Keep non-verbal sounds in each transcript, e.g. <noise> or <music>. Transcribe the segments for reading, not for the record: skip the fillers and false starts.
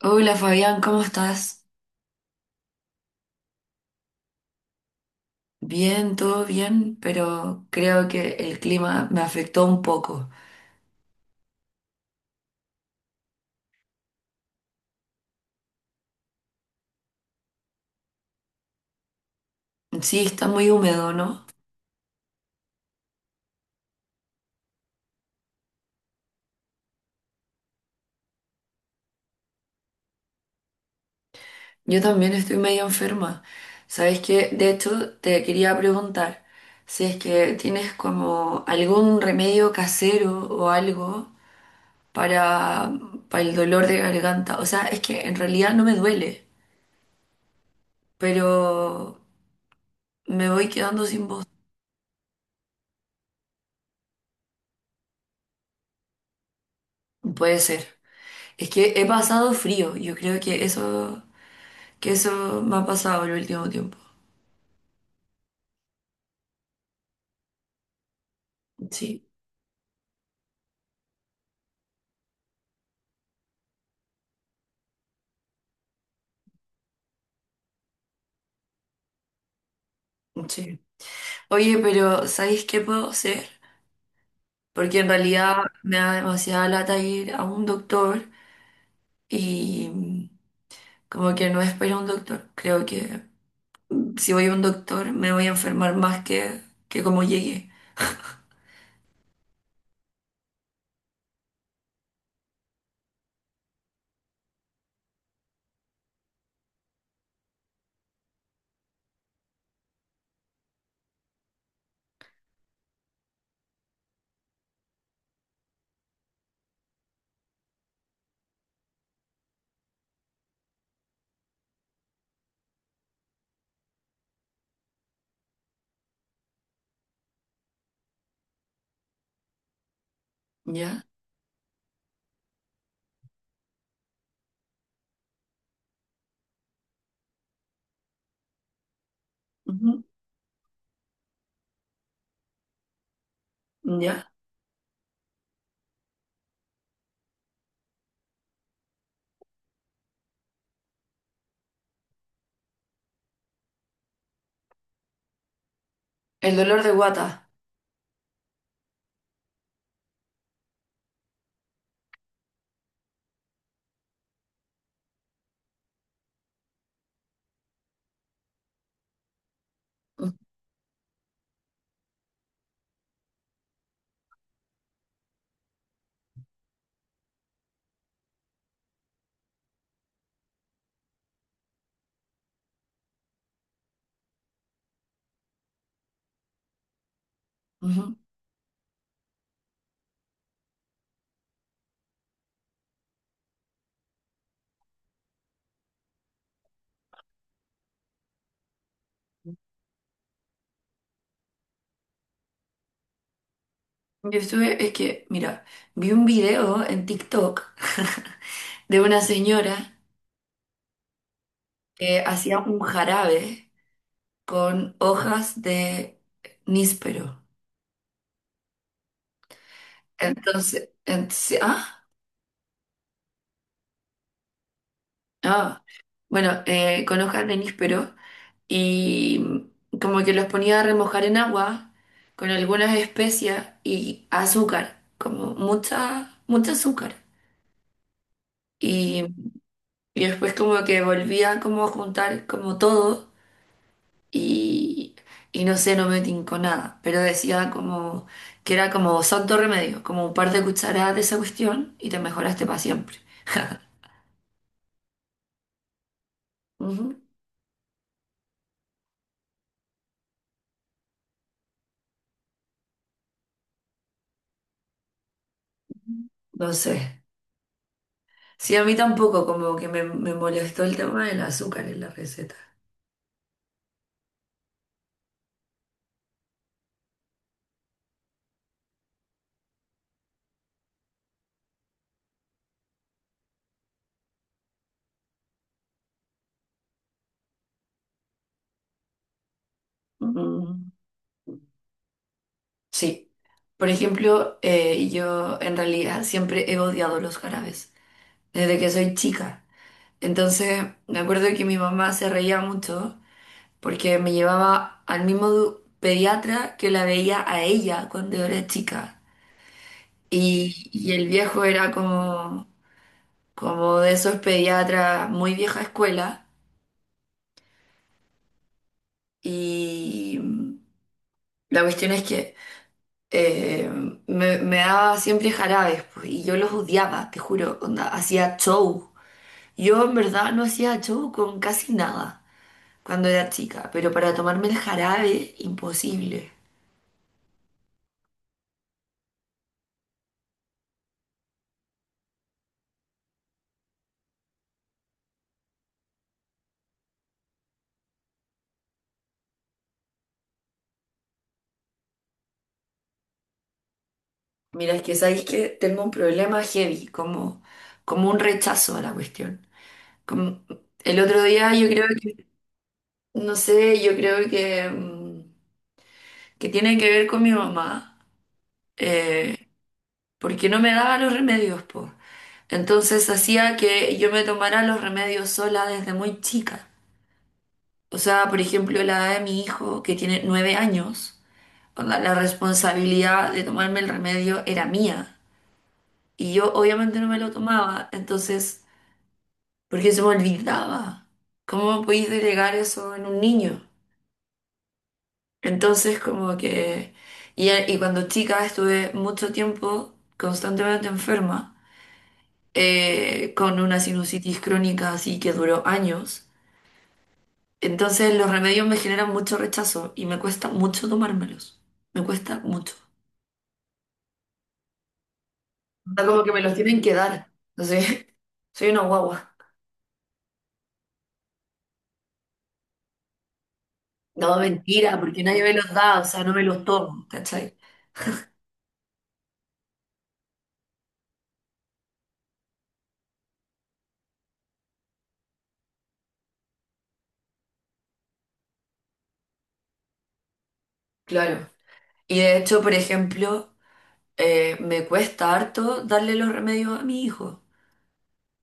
Hola Fabián, ¿cómo estás? Bien, todo bien, pero creo que el clima me afectó un poco. Sí, está muy húmedo, ¿no? Yo también estoy medio enferma. ¿Sabes qué? De hecho, te quería preguntar si es que tienes como algún remedio casero o algo para, para el dolor de garganta. O sea, es que en realidad no me duele, pero me voy quedando sin voz. Puede ser. Es que he pasado frío, yo creo que eso... Que eso me ha pasado el último tiempo. Sí, sí. Oye, pero ¿sabéis qué puedo hacer? Porque en realidad me da demasiada lata ir a un doctor y como que no espero a un doctor. Creo que si voy a un doctor me voy a enfermar más que como llegué. Ya, ujú, ya. El dolor de guata. Ujú. Yo estuve, es que, mira, vi un video en TikTok <laughs> de una señora que hacía un jarabe con hojas de níspero. Entonces, entonces- ah, ah, bueno, con hojas de níspero y como que los ponía a remojar en agua con algunas especias y azúcar, como mucha azúcar. Y, y después como que volvía como a juntar como todo y, y no sé, no me tincó nada, pero decía como que era como santo remedio, como un par de cucharadas de esa cuestión y te mejoraste para siempre. <laughs> Ujú. No sé. Sí, a mí tampoco, como que me molestó el tema del azúcar en la receta. Mm, sí. Por ejemplo, yo en realidad siempre he odiado los jarabes, desde que soy chica. Entonces, me acuerdo que mi mamá se reía mucho porque me llevaba al mismo pediatra que la veía a ella cuando yo era chica. Y el viejo era como, como de esos pediatras muy vieja escuela. Y la cuestión es que eh, me daba siempre jarabes, pues, y yo los odiaba, te juro, onda, hacía show. Yo en verdad no hacía show con casi nada cuando era chica, pero para tomarme el jarabe, imposible. Mira, es que sabéis que tengo un problema heavy, como, como un rechazo a la cuestión. Como- el otro día yo creo no sé, yo creo que tiene que ver con mi mamá, eh, porque no me daba los remedios, pues. Entonces hacía que yo me tomara los remedios sola desde muy chica. O sea, por ejemplo, la edad de mi hijo, que tiene 9 años, onda, la responsabilidad de tomarme el remedio era mía. Y yo obviamente no me lo tomaba. Entonces porque se me olvidaba. ¿Cómo podéis delegar eso en un niño? Entonces, como que... Y, y cuando chica estuve mucho tiempo constantemente enferma, con una sinusitis crónica así que duró años. Entonces los remedios me generan mucho rechazo y me cuesta mucho tomármelos. Me cuesta mucho. O sea, como que me los tienen que dar. Entonces, <laughs> soy una guagua. No, mentira, porque nadie me los da, o sea, no me los tomo, ¿cachai? Claro. Y de hecho, por ejemplo... me cuesta harto darle los remedios a mi hijo,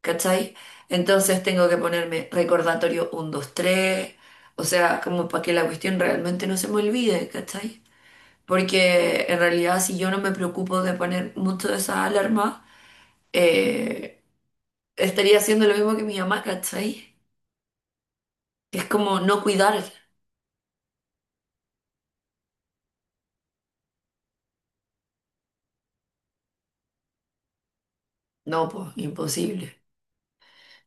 ¿cachai? Entonces tengo que ponerme recordatorio uno 2 3, o sea, como para que la cuestión realmente no se me olvide, ¿cachai? Porque en realidad si yo no me preocupo de poner mucho de esa alarma, eh, estaría haciendo lo mismo que mi mamá, ¿cachai? Es como no cuidar. No, pues, imposible.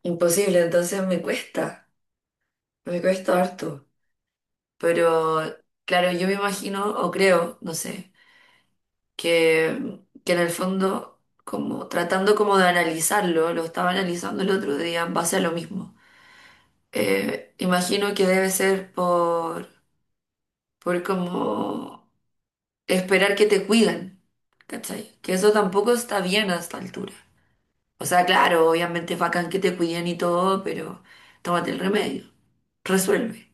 Imposible, entonces me cuesta harto. Pero claro, yo me imagino, o creo, no sé, que, que en el fondo, como tratando como de analizarlo, lo estaba analizando el otro día en base a lo mismo. Imagino que debe ser por como esperar que te cuiden, ¿cachai? Que eso tampoco está bien a esta altura. O sea, claro, obviamente es bacán que te cuiden y todo, pero tómate el remedio, resuelve.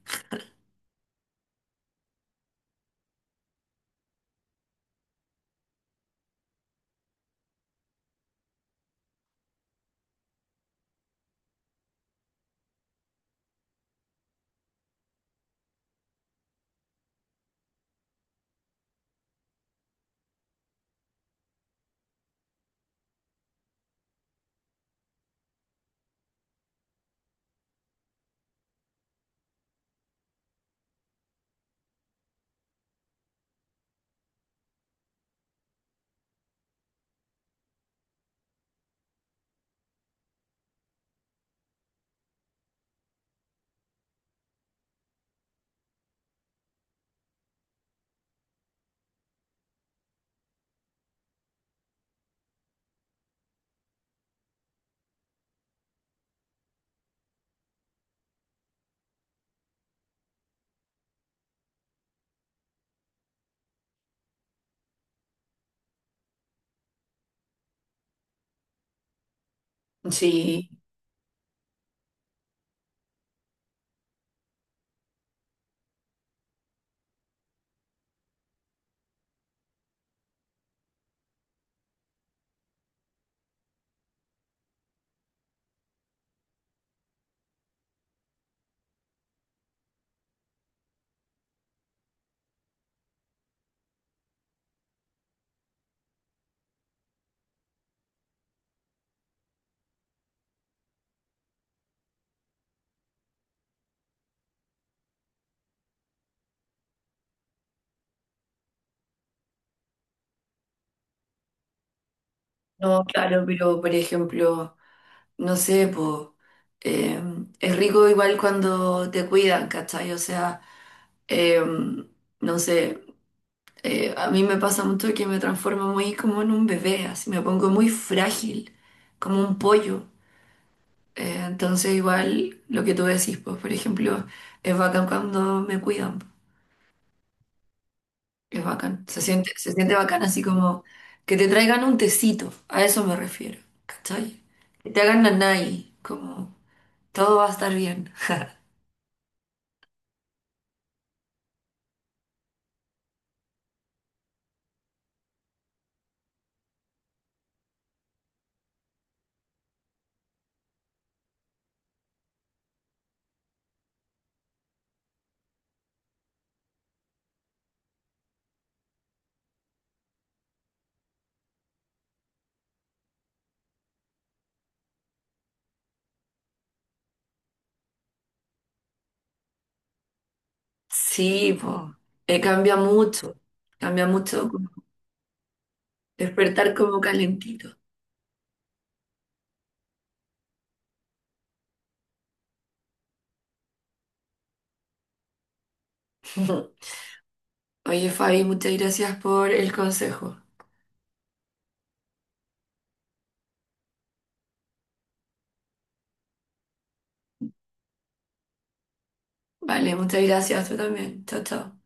Sí, no, claro, pero por ejemplo... no sé, pues es rico igual cuando te cuidan, ¿cachai? O sea, em, no sé, a mí me pasa mucho que me transformo muy como en un bebé, así me pongo muy frágil, como un pollo. Entonces igual lo que tú decís, pues por ejemplo, es bacán cuando me cuidan, es bacán, se siente bacán así como que te traigan un tecito, a eso me refiero, ¿cachai? Que te hagan nanay, como todo va a estar bien. <laughs> Sí, po. Eh, cambia mucho, Cambia mucho como despertar como calentito. <laughs> Oye, Fabi, muchas gracias por el consejo. Vale, muchas gracias, tú también. Chao, chao.